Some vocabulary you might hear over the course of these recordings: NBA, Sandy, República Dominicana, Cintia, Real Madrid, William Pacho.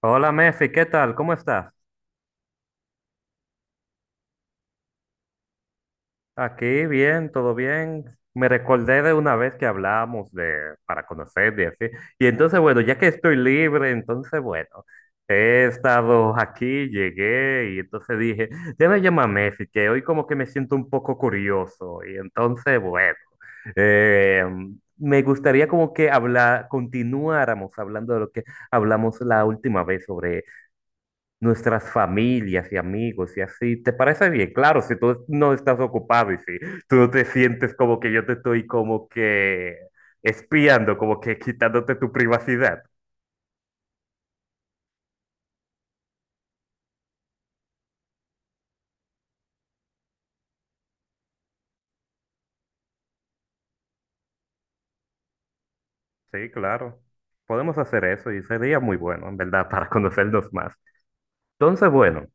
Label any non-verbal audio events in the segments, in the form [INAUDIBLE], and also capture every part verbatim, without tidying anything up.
Hola Mefi, ¿qué tal? ¿Cómo estás? Aquí bien, todo bien. Me recordé de una vez que hablamos de para conocer y así. Y entonces, bueno, ya que estoy libre, entonces, bueno, he estado aquí, llegué y entonces dije, déjame llamar a Mefi, que hoy como que me siento un poco curioso. Y entonces, bueno, eh, me gustaría como que hablar, continuáramos hablando de lo que hablamos la última vez sobre nuestras familias y amigos y así. ¿Te parece bien? Claro, si tú no estás ocupado y si tú no te sientes como que yo te estoy como que espiando, como que quitándote tu privacidad. Sí, claro. Podemos hacer eso y sería muy bueno, en verdad, para conocernos más. Entonces, bueno,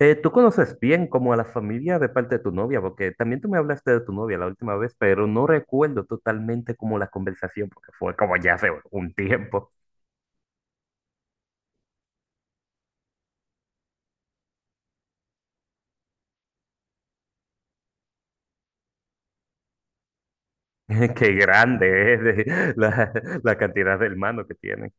eh, tú conoces bien como a la familia de parte de tu novia, porque también tú me hablaste de tu novia la última vez, pero no recuerdo totalmente como la conversación, porque fue como ya hace un tiempo. [LAUGHS] Qué grande es de- la, la cantidad de hermanos que tienen.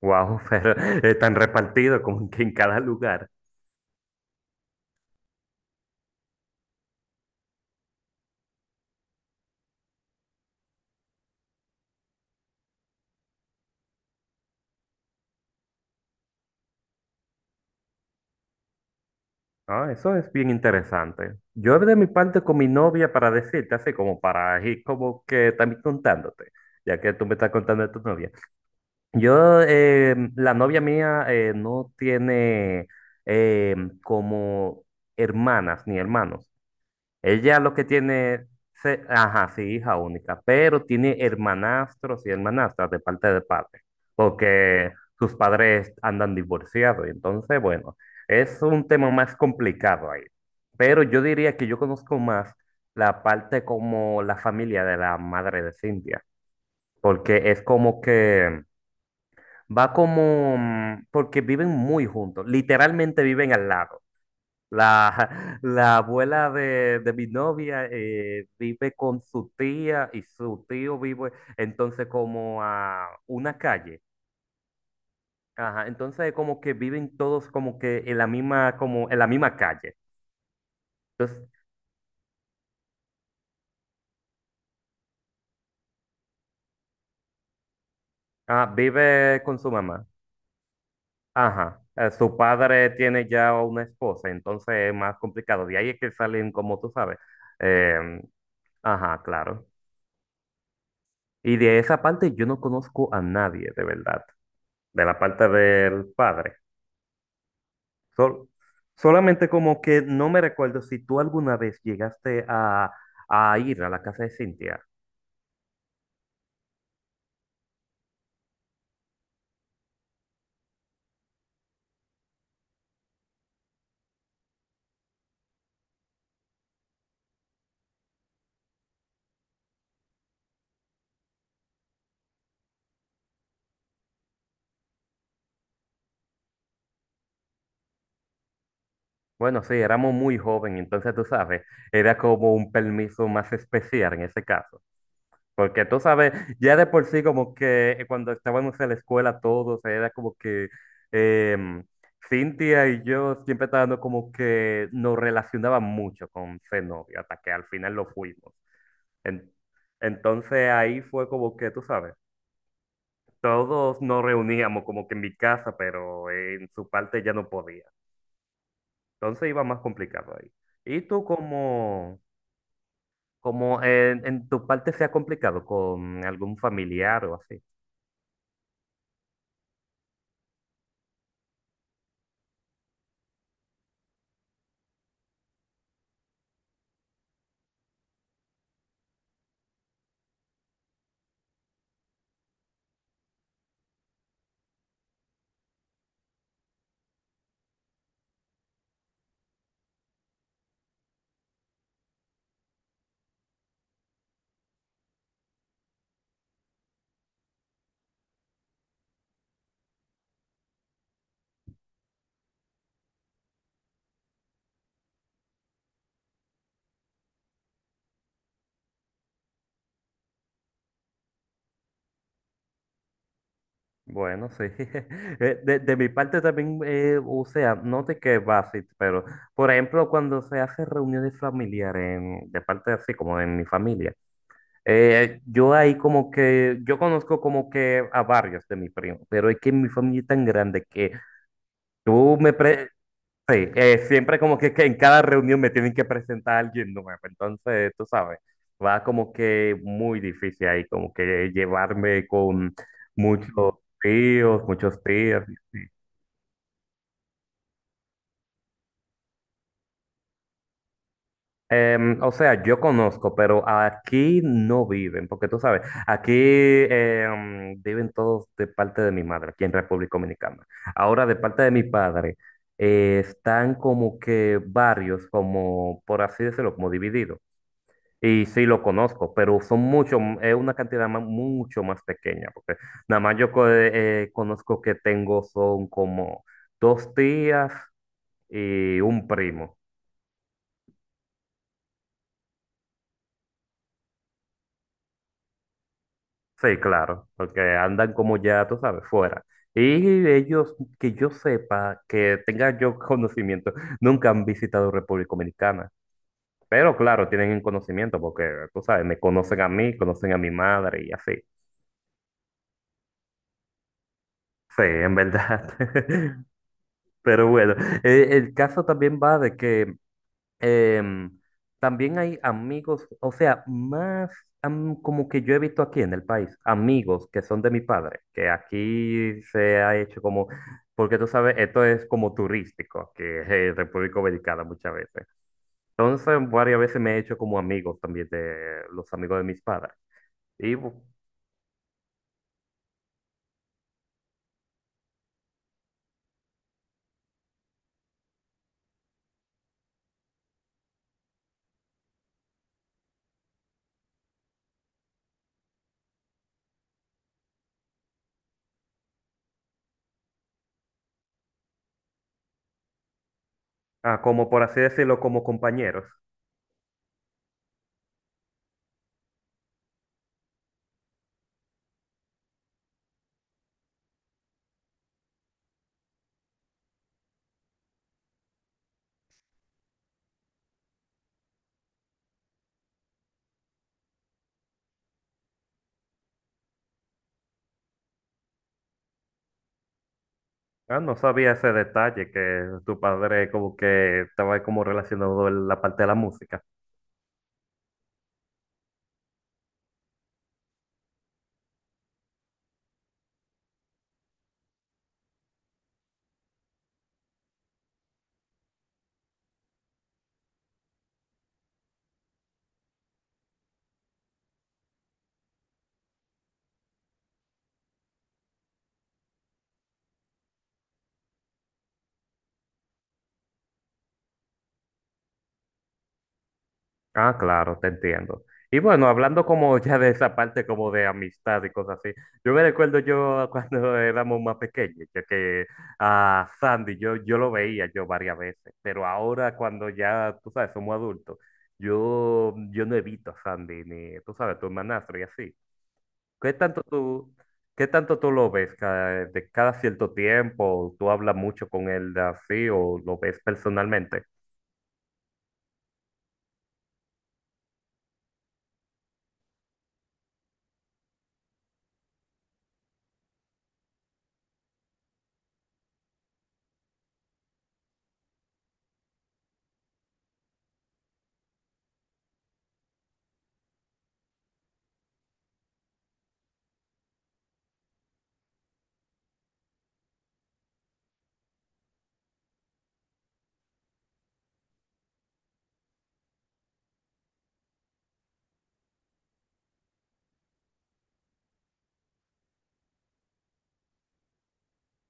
Wow, [LAUGHS] pero están repartidos como que en cada lugar. Ah, eso es bien interesante. Yo de mi parte con mi novia para decirte así como para ir como que también contándote, ya que tú me estás contando de tu novia. Yo, eh, la novia mía eh, no tiene eh, como hermanas ni hermanos. Ella lo que tiene, se- ajá, sí, hija única, pero tiene hermanastros y hermanastras de parte de padre, porque sus padres andan divorciados, y entonces, bueno, es un tema más complicado ahí. Pero yo diría que yo conozco más la parte como la familia de la madre de Cintia, porque es como que va como, mm, porque viven muy juntos, literalmente viven al lado. La, [LAUGHS] la abuela de, de mi novia eh, vive con su tía y su tío vive entonces como a una calle. Ajá, entonces como que viven todos como que en la misma, como en la misma calle. Entonces, ah, vive con su mamá. Ajá. Eh, su padre tiene ya una esposa, entonces es más complicado. De ahí es que salen, como tú sabes. em, ajá, claro. Y de esa parte yo no conozco a nadie, de verdad. De la parte del padre. Sol- Solamente como que no me recuerdo si tú alguna vez llegaste a, a ir a la casa de Cintia. Bueno, sí, éramos muy jóvenes, entonces tú sabes, era como un permiso más especial en ese caso. Porque tú sabes, ya de por sí como que cuando estábamos en la escuela todos, era como que em, Cintia y yo siempre estábamos como que nos relacionaban mucho con ser novio, hasta que al final lo fuimos. En- entonces ahí fue como que, tú sabes. Todos nos reuníamos como que en mi casa, pero en su parte ya no podía. Entonces iba más complicado ahí. ¿Y tú cómo, cómo en, en tu parte se ha complicado con algún familiar o así? Bueno, sí. [LAUGHS] Eh, De, de mi parte también, eh, o sea, no te que va así, pero por ejemplo, cuando se hace reuniones familiares en- de parte así como en mi familia, eh, yo ahí como que, yo conozco como que a varios de mi primo, pero es que mi familia es tan grande que Tú me pre sí, eh, siempre como que, que en cada reunión me tienen que presentar a alguien nuevo, entonces tú sabes, va como que muy difícil ahí, como que llevarme con muchos tíos, muchos tíos. Em, o sea, yo conozco, pero aquí no viven, porque tú sabes, aquí em, viven todos de parte de mi madre, aquí en República Dominicana. Ahora de parte de mi padre, eh, están como que varios, como por así decirlo, como divididos. Y sí lo conozco, pero son mucho, es una cantidad ma- mucho más pequeña, porque nada más yo co- eh, eh, conozco que tengo son como dos tías y un primo. Sí, claro, porque andan como ya, tú sabes, fuera. Y ellos, que yo sepa, que tenga yo [LAUGHS] conocimiento, nunca han visitado República Dominicana. Pero claro, tienen el conocimiento, porque tú sabes, me conocen a mí, conocen a mi madre y así. Sí, en verdad. [LAUGHS] Pero bueno, eh, el caso también va de que em, también hay amigos, o sea, más am- como que yo he visto aquí en el país, amigos que son de mi padre, que aquí se ha hecho como, porque tú sabes, esto es como turístico, que es eh, República Dominicana muchas veces. Entonces, varias veces me he hecho como amigos también de los amigos de mis padres. Y bu- ah, como por así decirlo, como compañeros. Ah, no sabía ese detalle que tu padre como que estaba como relacionado en la parte de la música. Ah, claro, te entiendo. Y bueno, hablando como ya de esa parte como de amistad y cosas así, yo me recuerdo yo cuando [LAUGHS] éramos más pequeños, ya que a Sandy yo, yo lo veía yo varias veces, pero ahora cuando ya, tú sabes, somos adultos, yo, yo no evito a Sandy ni, tú sabes, tu hermanastro y así. ¿Qué tanto tú, qué tanto tú lo ves? Cada, de cada cierto tiempo, ¿tú hablas mucho con él de así o lo ves personalmente?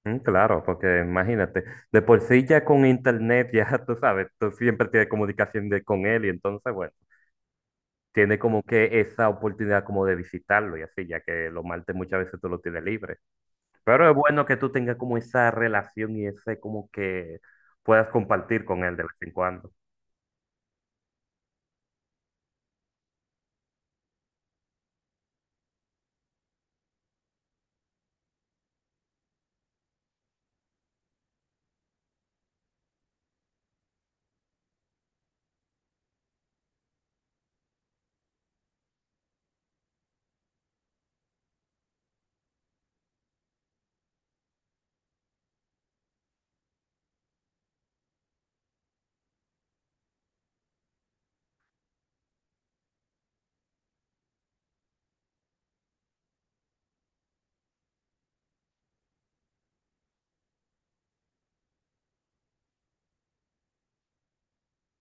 Mm, claro, porque imagínate, de por sí ya con internet, ya [LAUGHS] tú sabes, tú siempre tienes comunicación de- con él y entonces, bueno, tiene como que esa oportunidad como de visitarlo y así, ya que los martes muchas veces tú lo tienes libre. Pero es bueno que tú tengas como esa relación y ese como que puedas compartir con él de vez en cuando.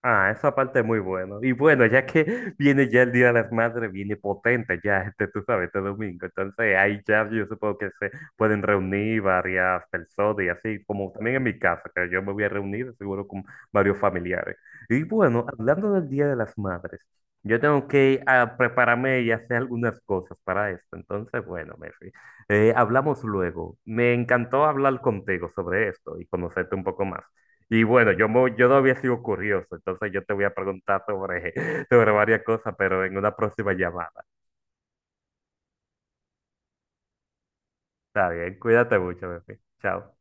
Ah, esa parte es muy bueno. Y bueno, ya que [LAUGHS] viene ya el Día de las Madres, viene potente ya [LAUGHS] este, tú sabes, este domingo. Entonces ahí ya yo supongo que se pueden reunir varias personas y así, como también en mi casa, que yo me voy a reunir seguro con varios familiares. Y bueno, hablando del Día de las Madres, yo tengo que ah, prepararme y hacer algunas cosas para esto. Entonces, bueno, Mefi, eh, hablamos luego. Me encantó hablar contigo sobre esto y conocerte un poco más. Y bueno, yo, mo- yo no había sido curioso, entonces yo te voy a preguntar sobre, [LAUGHS] sobre varias cosas, pero en una próxima llamada. Está bien, cuídate mucho, bebé. Chao.